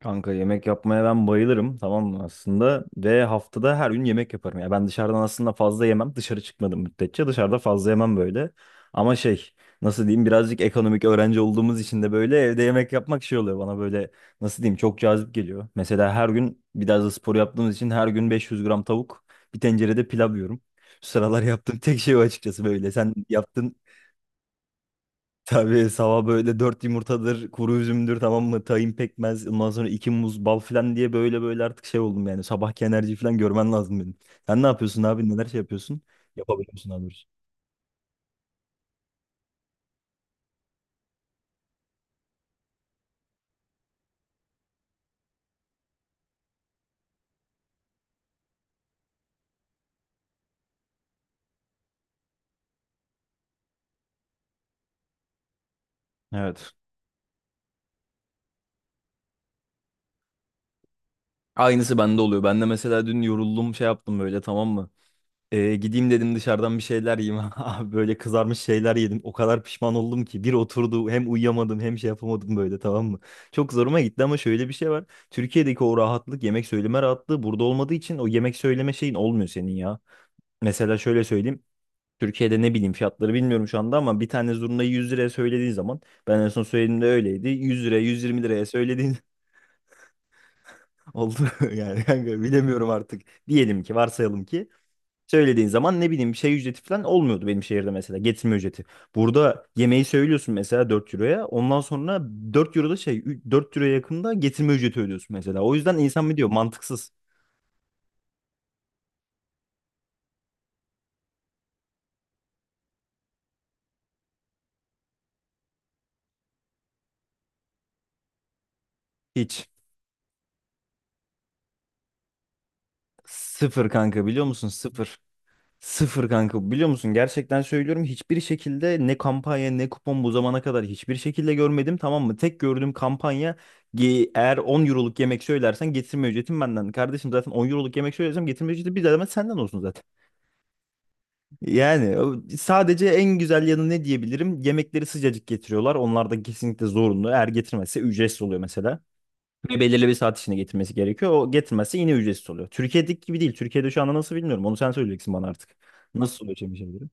Kanka yemek yapmaya ben bayılırım tamam mı aslında ve haftada her gün yemek yaparım. Ya ben dışarıdan aslında fazla yemem dışarı çıkmadım müddetçe dışarıda fazla yemem böyle. Ama nasıl diyeyim birazcık ekonomik öğrenci olduğumuz için de böyle evde yemek yapmak şey oluyor bana böyle nasıl diyeyim çok cazip geliyor. Mesela her gün biraz da spor yaptığımız için her gün 500 gram tavuk bir tencerede pilav yiyorum. Şu sıralar yaptığım tek şey o açıkçası böyle sen yaptın. Tabii sabah böyle dört yumurtadır, kuru üzümdür tamam mı? Tahin pekmez, ondan sonra iki muz, bal falan diye böyle böyle artık şey oldum yani. Sabahki enerji falan görmen lazım benim. Sen ne yapıyorsun abi? Neler şey yapıyorsun? Yapabiliyorsun abi. Evet. Aynısı bende oluyor. Ben de mesela dün yoruldum şey yaptım böyle tamam mı? Gideyim dedim dışarıdan bir şeyler yiyeyim. Abi böyle kızarmış şeyler yedim. O kadar pişman oldum ki. Bir oturdu hem uyuyamadım hem şey yapamadım böyle tamam mı? Çok zoruma gitti ama şöyle bir şey var. Türkiye'deki o rahatlık yemek söyleme rahatlığı burada olmadığı için o yemek söyleme şeyin olmuyor senin ya. Mesela şöyle söyleyeyim. Türkiye'de ne bileyim fiyatları bilmiyorum şu anda ama bir tane zurnayı 100 liraya söylediğin zaman ben en son söylediğimde öyleydi. 100 liraya 120 liraya söylediğin oldu yani kanka bilemiyorum artık. Diyelim ki varsayalım ki söylediğin zaman ne bileyim şey ücreti falan olmuyordu benim şehirde mesela getirme ücreti. Burada yemeği söylüyorsun mesela 4 euroya ondan sonra 4 euroda 4 euroya yakında getirme ücreti ödüyorsun mesela. O yüzden insan mı diyor mantıksız hiç sıfır kanka biliyor musun sıfır. Sıfır kanka biliyor musun gerçekten söylüyorum hiçbir şekilde ne kampanya ne kupon bu zamana kadar hiçbir şekilde görmedim tamam mı? Tek gördüğüm kampanya eğer 10 euroluk yemek söylersen getirme ücretim benden. Kardeşim zaten 10 euroluk yemek söylersem getirme ücreti bir de hemen senden olsun zaten. Yani sadece en güzel yanı ne diyebilirim? Yemekleri sıcacık getiriyorlar. Onlar da kesinlikle zorunlu. Eğer getirmezse ücretsiz oluyor mesela. Ve belirli bir saat içinde getirmesi gerekiyor. O getirmezse yine ücretsiz oluyor. Türkiye'deki gibi değil. Türkiye'de şu anda nasıl bilmiyorum. Onu sen söyleyeceksin bana artık. Nasıl oluyor şey bilirim.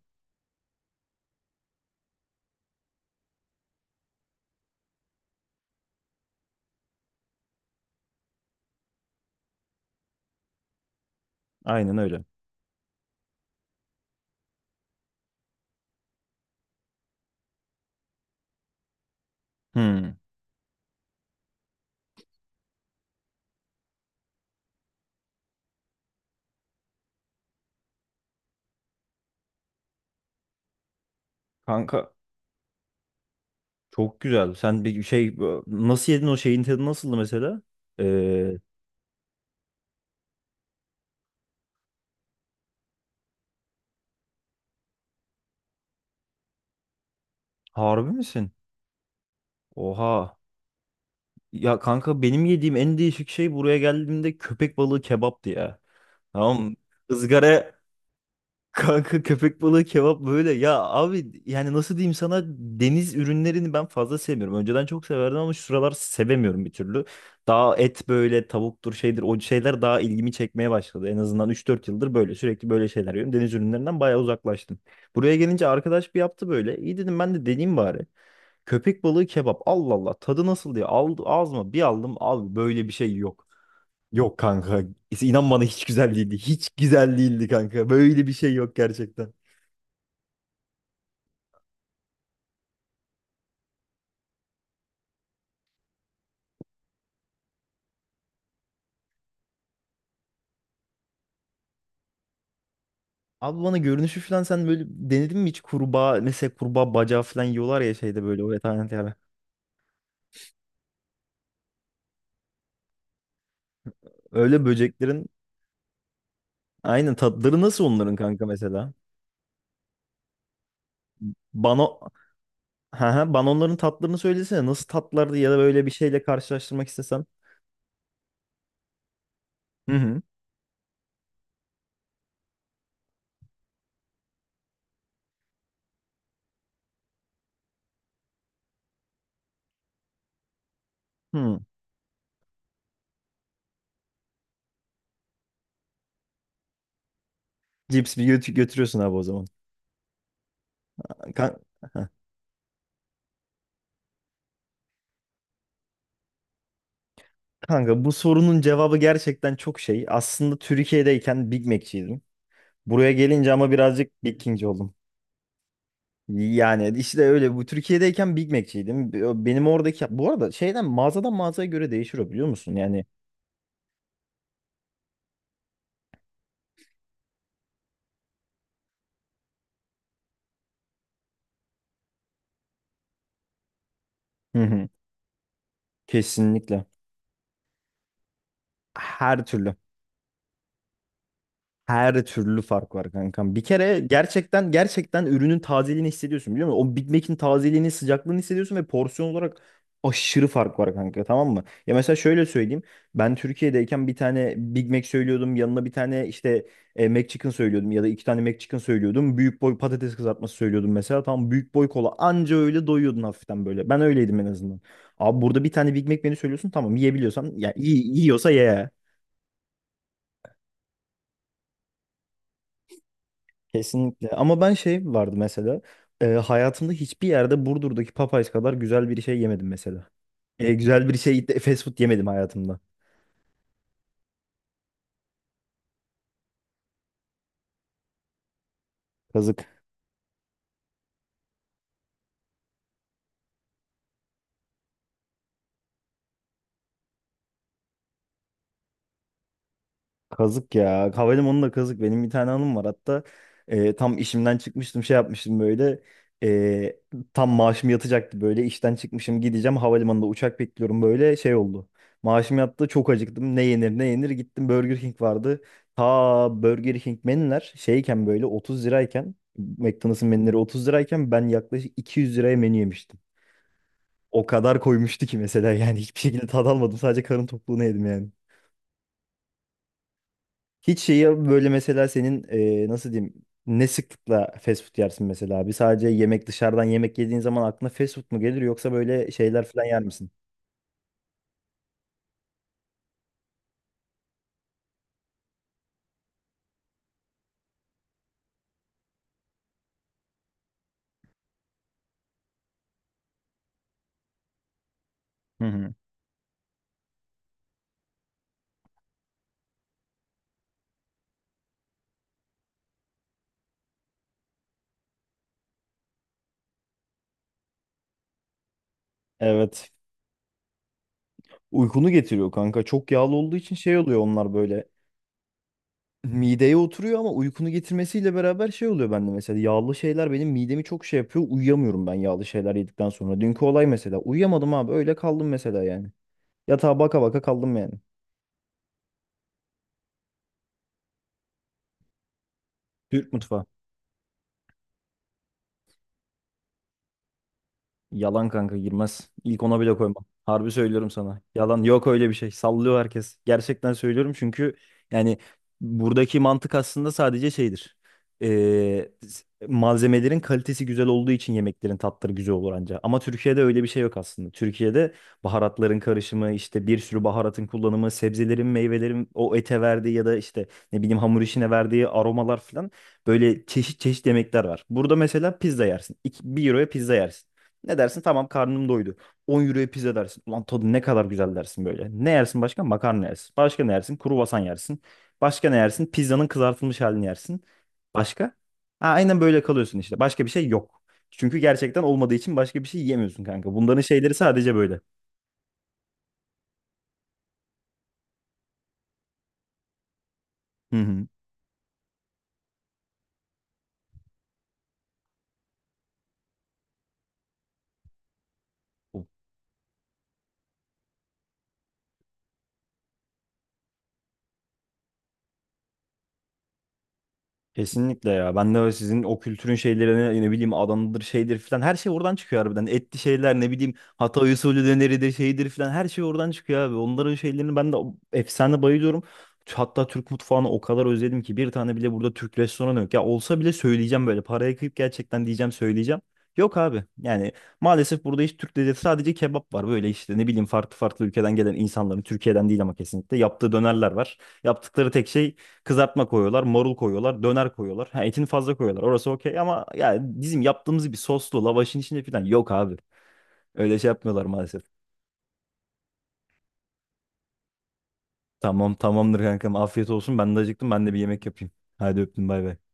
Aynen öyle. Hmm. Kanka çok güzel. Sen bir şey nasıl yedin o şeyin tadı nasıldı mesela? Ee, Harbi misin? Oha. Ya kanka benim yediğim en değişik şey buraya geldiğimde köpek balığı kebaptı ya. Tamam. ızgara kanka köpek balığı kebap böyle. Ya abi yani nasıl diyeyim sana deniz ürünlerini ben fazla sevmiyorum. Önceden çok severdim ama şu sıralar sevemiyorum bir türlü. Daha et böyle tavuktur şeydir o şeyler daha ilgimi çekmeye başladı. En azından üç dört yıldır böyle sürekli böyle şeyler yiyorum. Deniz ürünlerinden bayağı uzaklaştım. Buraya gelince arkadaş bir yaptı böyle. İyi dedim ben de deneyeyim bari. Köpek balığı kebap Allah Allah tadı nasıl diye aldı, ağzıma bir aldım abi böyle bir şey yok. Yok kanka. İnan bana hiç güzel değildi. Hiç güzel değildi kanka. Böyle bir şey yok gerçekten. Abi bana görünüşü falan sen böyle denedin mi hiç kurbağa mesela kurbağa bacağı falan yiyorlar ya şeyde böyle o veteriner yerde. Öyle böceklerin aynen tatları nasıl onların kanka mesela? Bana ha ha bana onların tatlarını söylesene nasıl tatlardı ya da böyle bir şeyle karşılaştırmak istesem. Hı hı. Hı. Cips bir götü götürüyorsun abi o zaman. Kan- Heh. Kanka bu sorunun cevabı gerçekten çok şey. Aslında Türkiye'deyken Big Mac'çiydim. Buraya gelince ama birazcık Big King oldum. Yani işte öyle. Bu Türkiye'deyken Big Mac'çiydim. Benim oradaki bu arada şeyden mağazadan mağazaya göre değişiyor biliyor musun? Yani hı hı, kesinlikle. Her türlü. Her türlü fark var kankam. Bir kere gerçekten gerçekten ürünün tazeliğini hissediyorsun biliyor musun? O Big Mac'in tazeliğini, sıcaklığını hissediyorsun ve porsiyon olarak aşırı fark var kanka tamam mı? Ya mesela şöyle söyleyeyim. Ben Türkiye'deyken bir tane Big Mac söylüyordum. Yanına bir tane işte McChicken söylüyordum ya da iki tane McChicken söylüyordum. Büyük boy patates kızartması söylüyordum mesela. Tam büyük boy kola anca öyle doyuyordun hafiften böyle. Ben öyleydim en azından. Abi burada bir tane Big Mac menü söylüyorsun tamam yiyebiliyorsan ya iyi yiyorsa ye. Kesinlikle. Ama ben şey vardı mesela. Hayatımda hiçbir yerde Burdur'daki Popeyes kadar güzel bir şey yemedim mesela. E, güzel bir şey de- Fast food yemedim hayatımda. Kazık. Kazık ya. Havalimanı da kazık. Benim bir tane anım var. Hatta tam işimden çıkmıştım şey yapmıştım böyle. E, Tam maaşım yatacaktı böyle. İşten çıkmışım gideceğim. Havalimanında uçak bekliyorum böyle şey oldu. Maaşım yattı çok acıktım. Ne yenir ne yenir gittim Burger King vardı. Ta Burger King menüler şeyken böyle 30 lirayken McDonald's'ın menüleri 30 lirayken ben yaklaşık 200 liraya menü yemiştim. O kadar koymuştu ki mesela yani hiçbir şekilde tad almadım. Sadece karın tokluğunu yedim yani. Hiç şeyi böyle mesela senin nasıl diyeyim ne sıklıkla fast food yersin mesela abi? Sadece yemek dışarıdan yemek yediğin zaman aklına fast food mu gelir yoksa böyle şeyler falan yer misin? Hı hı. Evet. Uykunu getiriyor kanka. Çok yağlı olduğu için şey oluyor onlar böyle. Mideye oturuyor ama uykunu getirmesiyle beraber şey oluyor bende mesela. Yağlı şeyler benim midemi çok şey yapıyor. Uyuyamıyorum ben yağlı şeyler yedikten sonra. Dünkü olay mesela. Uyuyamadım abi. Öyle kaldım mesela yani. Yatağa baka baka kaldım yani. Türk mutfağı. Yalan kanka girmez. İlk ona bile koymam. Harbi söylüyorum sana. Yalan yok öyle bir şey. Sallıyor herkes. Gerçekten söylüyorum çünkü yani buradaki mantık aslında sadece şeydir. Malzemelerin kalitesi güzel olduğu için yemeklerin tatları güzel olur anca. Ama Türkiye'de öyle bir şey yok aslında. Türkiye'de baharatların karışımı, işte bir sürü baharatın kullanımı, sebzelerin, meyvelerin o ete verdiği ya da işte ne bileyim hamur işine verdiği aromalar falan böyle çeşit çeşit yemekler var. Burada mesela pizza yersin. 1 euroya pizza yersin. Ne dersin? Tamam karnım doydu. 10 euroya pizza dersin. Ulan tadı ne kadar güzel dersin böyle. Ne yersin başka? Makarna yersin. Başka ne yersin? Kruvasan yersin. Başka ne yersin? Pizzanın kızartılmış halini yersin. Başka? Ha, aynen böyle kalıyorsun işte. Başka bir şey yok. Çünkü gerçekten olmadığı için başka bir şey yiyemiyorsun kanka. Bunların şeyleri sadece böyle. Hı hı. Kesinlikle ya. Ben de öyle sizin o kültürün şeylerine ne bileyim Adana'dır şeydir filan her şey oradan çıkıyor harbiden. Etli şeyler ne bileyim Hatay usulü döneridir şeydir filan her şey oradan çıkıyor abi. Onların şeylerini ben de efsane bayılıyorum. Hatta Türk mutfağını o kadar özledim ki bir tane bile burada Türk restoranı yok. Ya olsa bile söyleyeceğim böyle paraya kıyıp gerçekten diyeceğim söyleyeceğim. Yok abi yani maalesef burada hiç Türk lezzeti sadece kebap var böyle işte ne bileyim farklı farklı ülkeden gelen insanların Türkiye'den değil ama kesinlikle yaptığı dönerler var. Yaptıkları tek şey kızartma koyuyorlar, marul koyuyorlar, döner koyuyorlar. Ha, etini fazla koyuyorlar. Orası okey ama ya bizim yaptığımız bir soslu lavaşın içinde falan yok abi. Öyle şey yapmıyorlar maalesef. Tamam tamamdır kankam. Afiyet olsun. Ben de acıktım. Ben de bir yemek yapayım. Hadi öptüm bay bay.